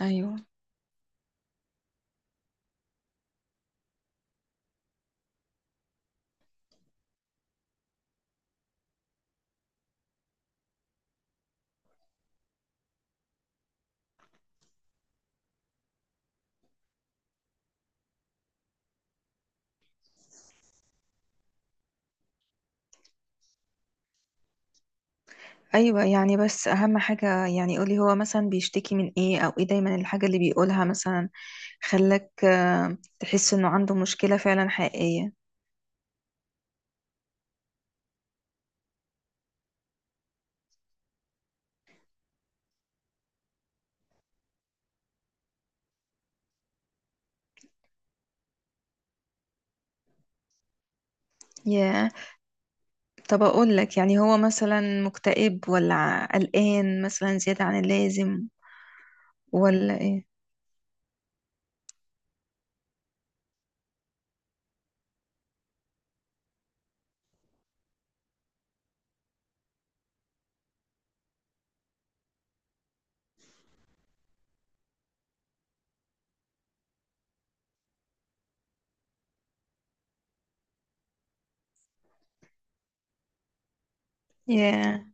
ايوه ايوه، يعني بس اهم حاجه، يعني قولي هو مثلا بيشتكي من ايه؟ او ايه دايما الحاجه اللي بيقولها مثلا؟ خلاك تحس انه عنده مشكله فعلا حقيقيه. ياه. طب اقول لك، يعني هو مثلا مكتئب ولا قلقان مثلا زياده عن اللازم ولا ايه؟ ياه.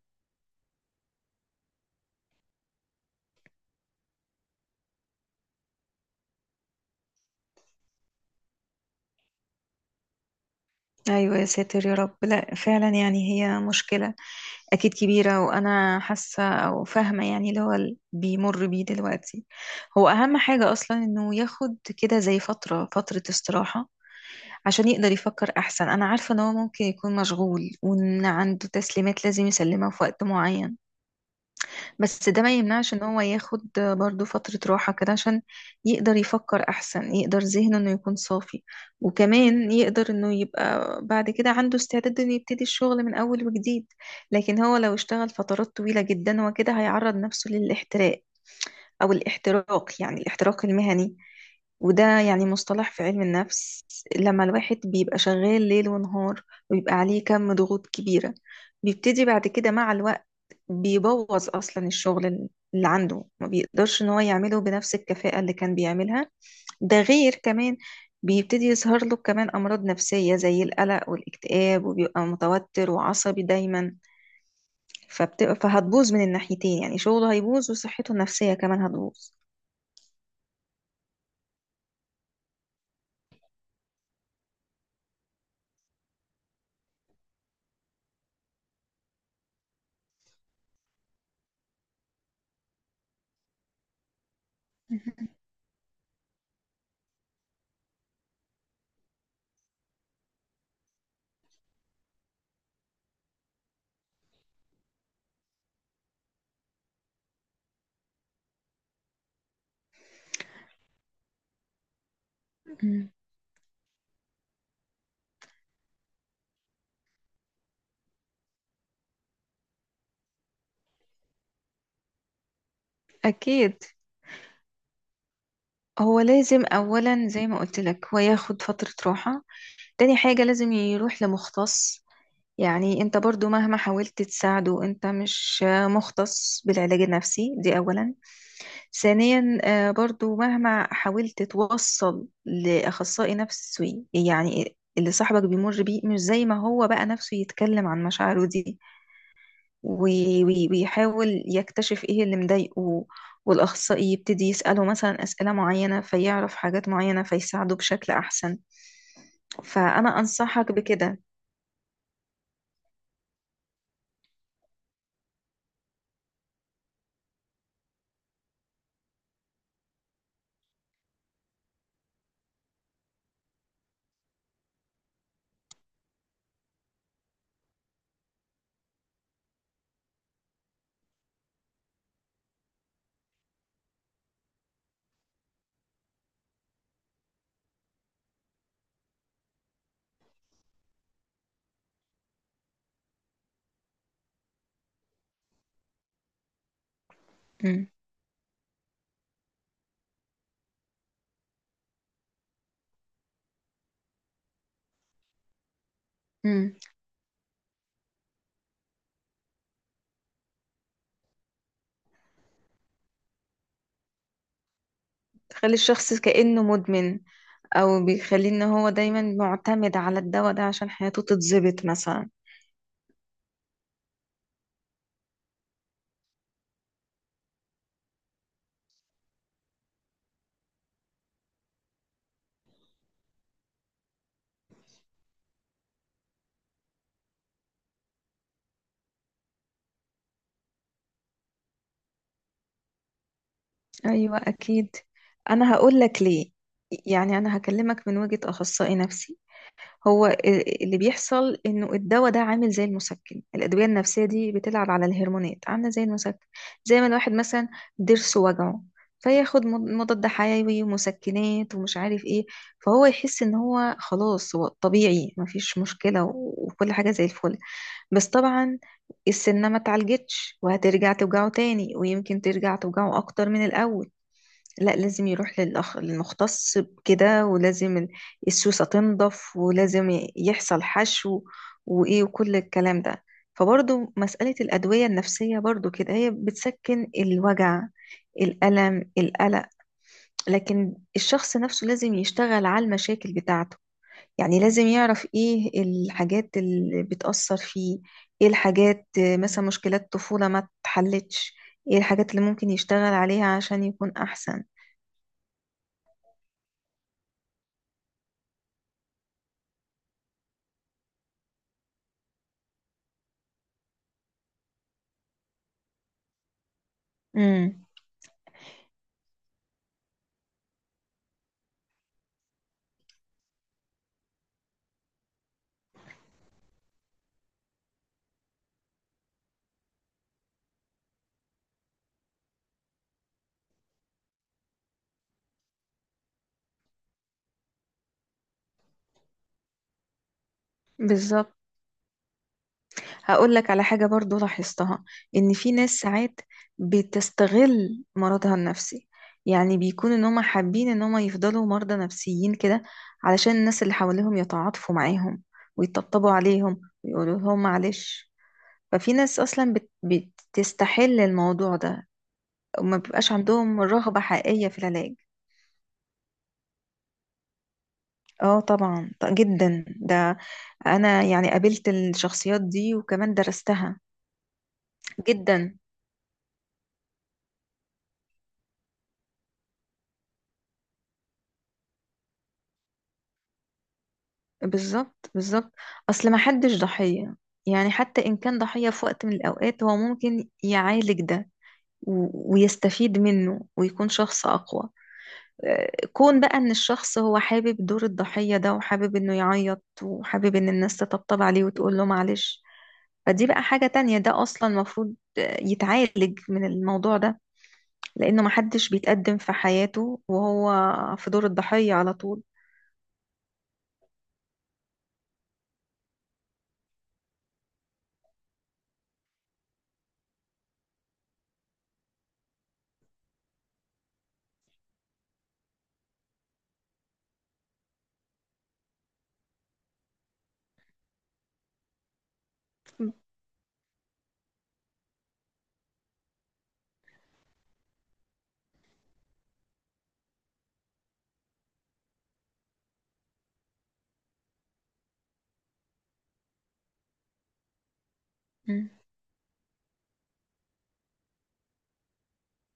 ايوه، يا ساتر يا رب. لا فعلا، يعني هي مشكلة اكيد كبيرة، وانا حاسة او فاهمة يعني اللي هو بيمر بيه دلوقتي. هو اهم حاجة اصلا انه ياخد كده زي فترة استراحة عشان يقدر يفكر احسن. انا عارفة ان هو ممكن يكون مشغول وان عنده تسليمات لازم يسلمها في وقت معين، بس ده ما يمنعش ان هو ياخد برضو فترة راحة كده عشان يقدر يفكر احسن، يقدر ذهنه انه يكون صافي، وكمان يقدر انه يبقى بعد كده عنده استعداد انه يبتدي الشغل من اول وجديد. لكن هو لو اشتغل فترات طويلة جدا، هو كده هيعرض نفسه للاحتراق، او الاحتراق يعني الاحتراق المهني. وده يعني مصطلح في علم النفس، لما الواحد بيبقى شغال ليل ونهار ويبقى عليه كم ضغوط كبيرة، بيبتدي بعد كده مع الوقت بيبوظ اصلا الشغل اللي عنده، ما بيقدرش ان هو يعمله بنفس الكفاءة اللي كان بيعملها. ده غير كمان بيبتدي يظهر له كمان امراض نفسية زي القلق والاكتئاب، وبيبقى متوتر وعصبي دايما. فهتبوظ من الناحيتين، يعني شغله هيبوظ وصحته النفسية كمان هتبوظ. مم. أكيد. هو لازم أولا زي ما قلت لك هو ياخد فترة راحة. تاني حاجة لازم يروح لمختص. يعني انت برضو مهما حاولت تساعده، انت مش مختص بالعلاج النفسي، دي اولا. ثانيا برضو مهما حاولت توصل لاخصائي نفسي، يعني اللي صاحبك بيمر بيه مش زي ما هو بقى نفسه يتكلم عن مشاعره دي، ويحاول يكتشف ايه اللي مضايقه، والاخصائي يبتدي يساله مثلا اسئله معينه، فيعرف حاجات معينه فيساعده بشكل احسن. فانا انصحك بكده. مم. تخلي الشخص كأنه مدمن، او بيخليه ان هو دايما معتمد على الدواء ده عشان حياته تتظبط مثلا. ايوه اكيد. انا هقول لك ليه. يعني انا هكلمك من وجهة اخصائي نفسي. هو اللي بيحصل انه الدواء ده عامل زي المسكن. الادويه النفسيه دي بتلعب على الهرمونات، عامله زي المسكن. زي ما الواحد مثلا ضرسه وجعه، فياخد مضاد حيوي ومسكنات ومش عارف ايه، فهو يحس ان هو خلاص هو طبيعي، مفيش مشكله وكل حاجه زي الفل. بس طبعا السنه ما اتعالجتش، وهترجع توجعه تاني، ويمكن ترجع توجعه اكتر من الاول. لا، لازم يروح للمختص بكده، ولازم السوسة تنضف، ولازم يحصل حشو وإيه وكل الكلام ده. فبرضو مسألة الأدوية النفسية برضو كده هي بتسكن الوجع، الألم، القلق، لكن الشخص نفسه لازم يشتغل على المشاكل بتاعته. يعني لازم يعرف إيه الحاجات اللي بتأثر فيه، إيه الحاجات مثلا مشكلات طفولة ما اتحلتش، إيه الحاجات اللي ممكن يشتغل عليها عشان يكون أحسن. مم. بالظبط. هقول لك على حاجة برضو لاحظتها، ان في ناس ساعات بتستغل مرضها النفسي. يعني بيكون ان هم حابين ان هم يفضلوا مرضى نفسيين كده علشان الناس اللي حواليهم يتعاطفوا معاهم ويطبطبوا عليهم ويقولوا لهم معلش. ففي ناس اصلا بتستحل الموضوع ده، وما بيبقاش عندهم رغبة حقيقية في العلاج. اه طبعا، جدا ده. انا يعني قابلت الشخصيات دي وكمان درستها. جدا. بالظبط بالظبط. اصل ما حدش ضحية، يعني حتى ان كان ضحية في وقت من الاوقات، هو ممكن يعالج ده ويستفيد منه ويكون شخص اقوى. كون بقى ان الشخص هو حابب دور الضحية ده، وحابب انه يعيط، وحابب ان الناس تطبطب عليه وتقول له معلش، فدي بقى حاجة تانية. ده اصلا المفروض يتعالج من الموضوع ده، لانه ما حدش بيتقدم في حياته وهو في دور الضحية على طول. مم.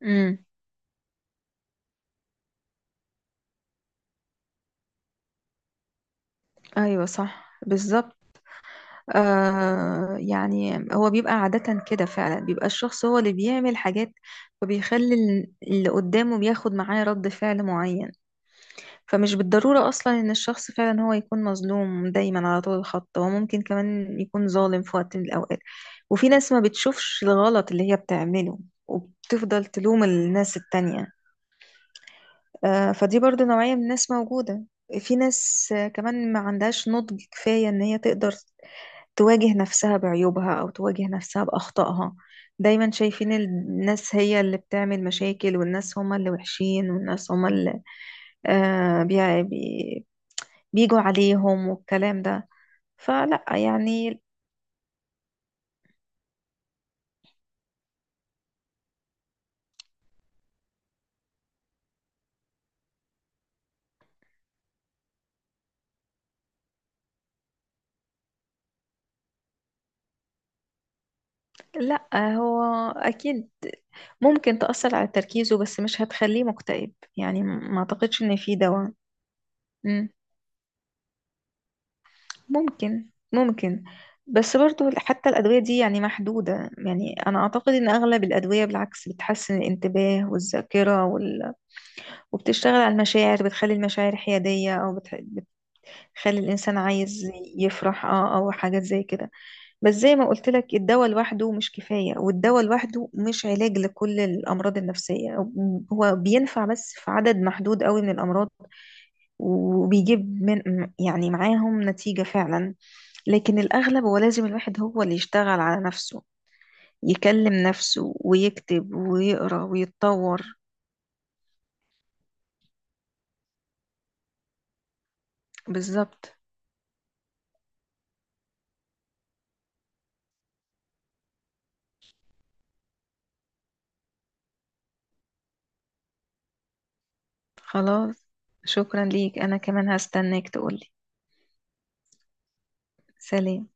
امم. ايوه صح بالظبط. آه يعني هو بيبقى عادة كده فعلا، بيبقى الشخص هو اللي بيعمل حاجات، فبيخلي اللي قدامه بياخد معاه رد فعل معين. فمش بالضرورة أصلا إن الشخص فعلا هو يكون مظلوم دايما على طول الخط، هو ممكن كمان يكون ظالم في وقت من الأوقات. وفي ناس ما بتشوفش الغلط اللي هي بتعمله، وبتفضل تلوم الناس التانية. آه، فدي برضو نوعية من الناس موجودة. في ناس كمان ما عندهاش نضج كفاية إن هي تقدر تواجه نفسها بعيوبها أو تواجه نفسها بأخطائها. دايما شايفين الناس هي اللي بتعمل مشاكل، والناس هما اللي وحشين، والناس هما اللي آه بي بي بيجوا عليهم والكلام ده. فلا يعني. لا هو أكيد ممكن تأثر على تركيزه، بس مش هتخليه مكتئب، يعني ما أعتقدش إن في دواء. مم. ممكن ممكن. بس برضو حتى الأدوية دي يعني محدودة، يعني أنا أعتقد إن أغلب الأدوية بالعكس بتحسن الانتباه والذاكرة وبتشتغل على المشاعر، بتخلي المشاعر حيادية أو بتخلي الإنسان عايز يفرح أه أو حاجات زي كده. بس زي ما قلت لك، الدواء لوحده مش كفاية، والدواء لوحده مش علاج لكل الأمراض النفسية. هو بينفع بس في عدد محدود قوي من الأمراض، وبيجيب من، يعني معاهم نتيجة فعلا، لكن الأغلب هو لازم الواحد هو اللي يشتغل على نفسه، يكلم نفسه ويكتب ويقرأ ويتطور. بالظبط. خلاص، شكرا ليك. أنا كمان هستناك تقولي. سلام.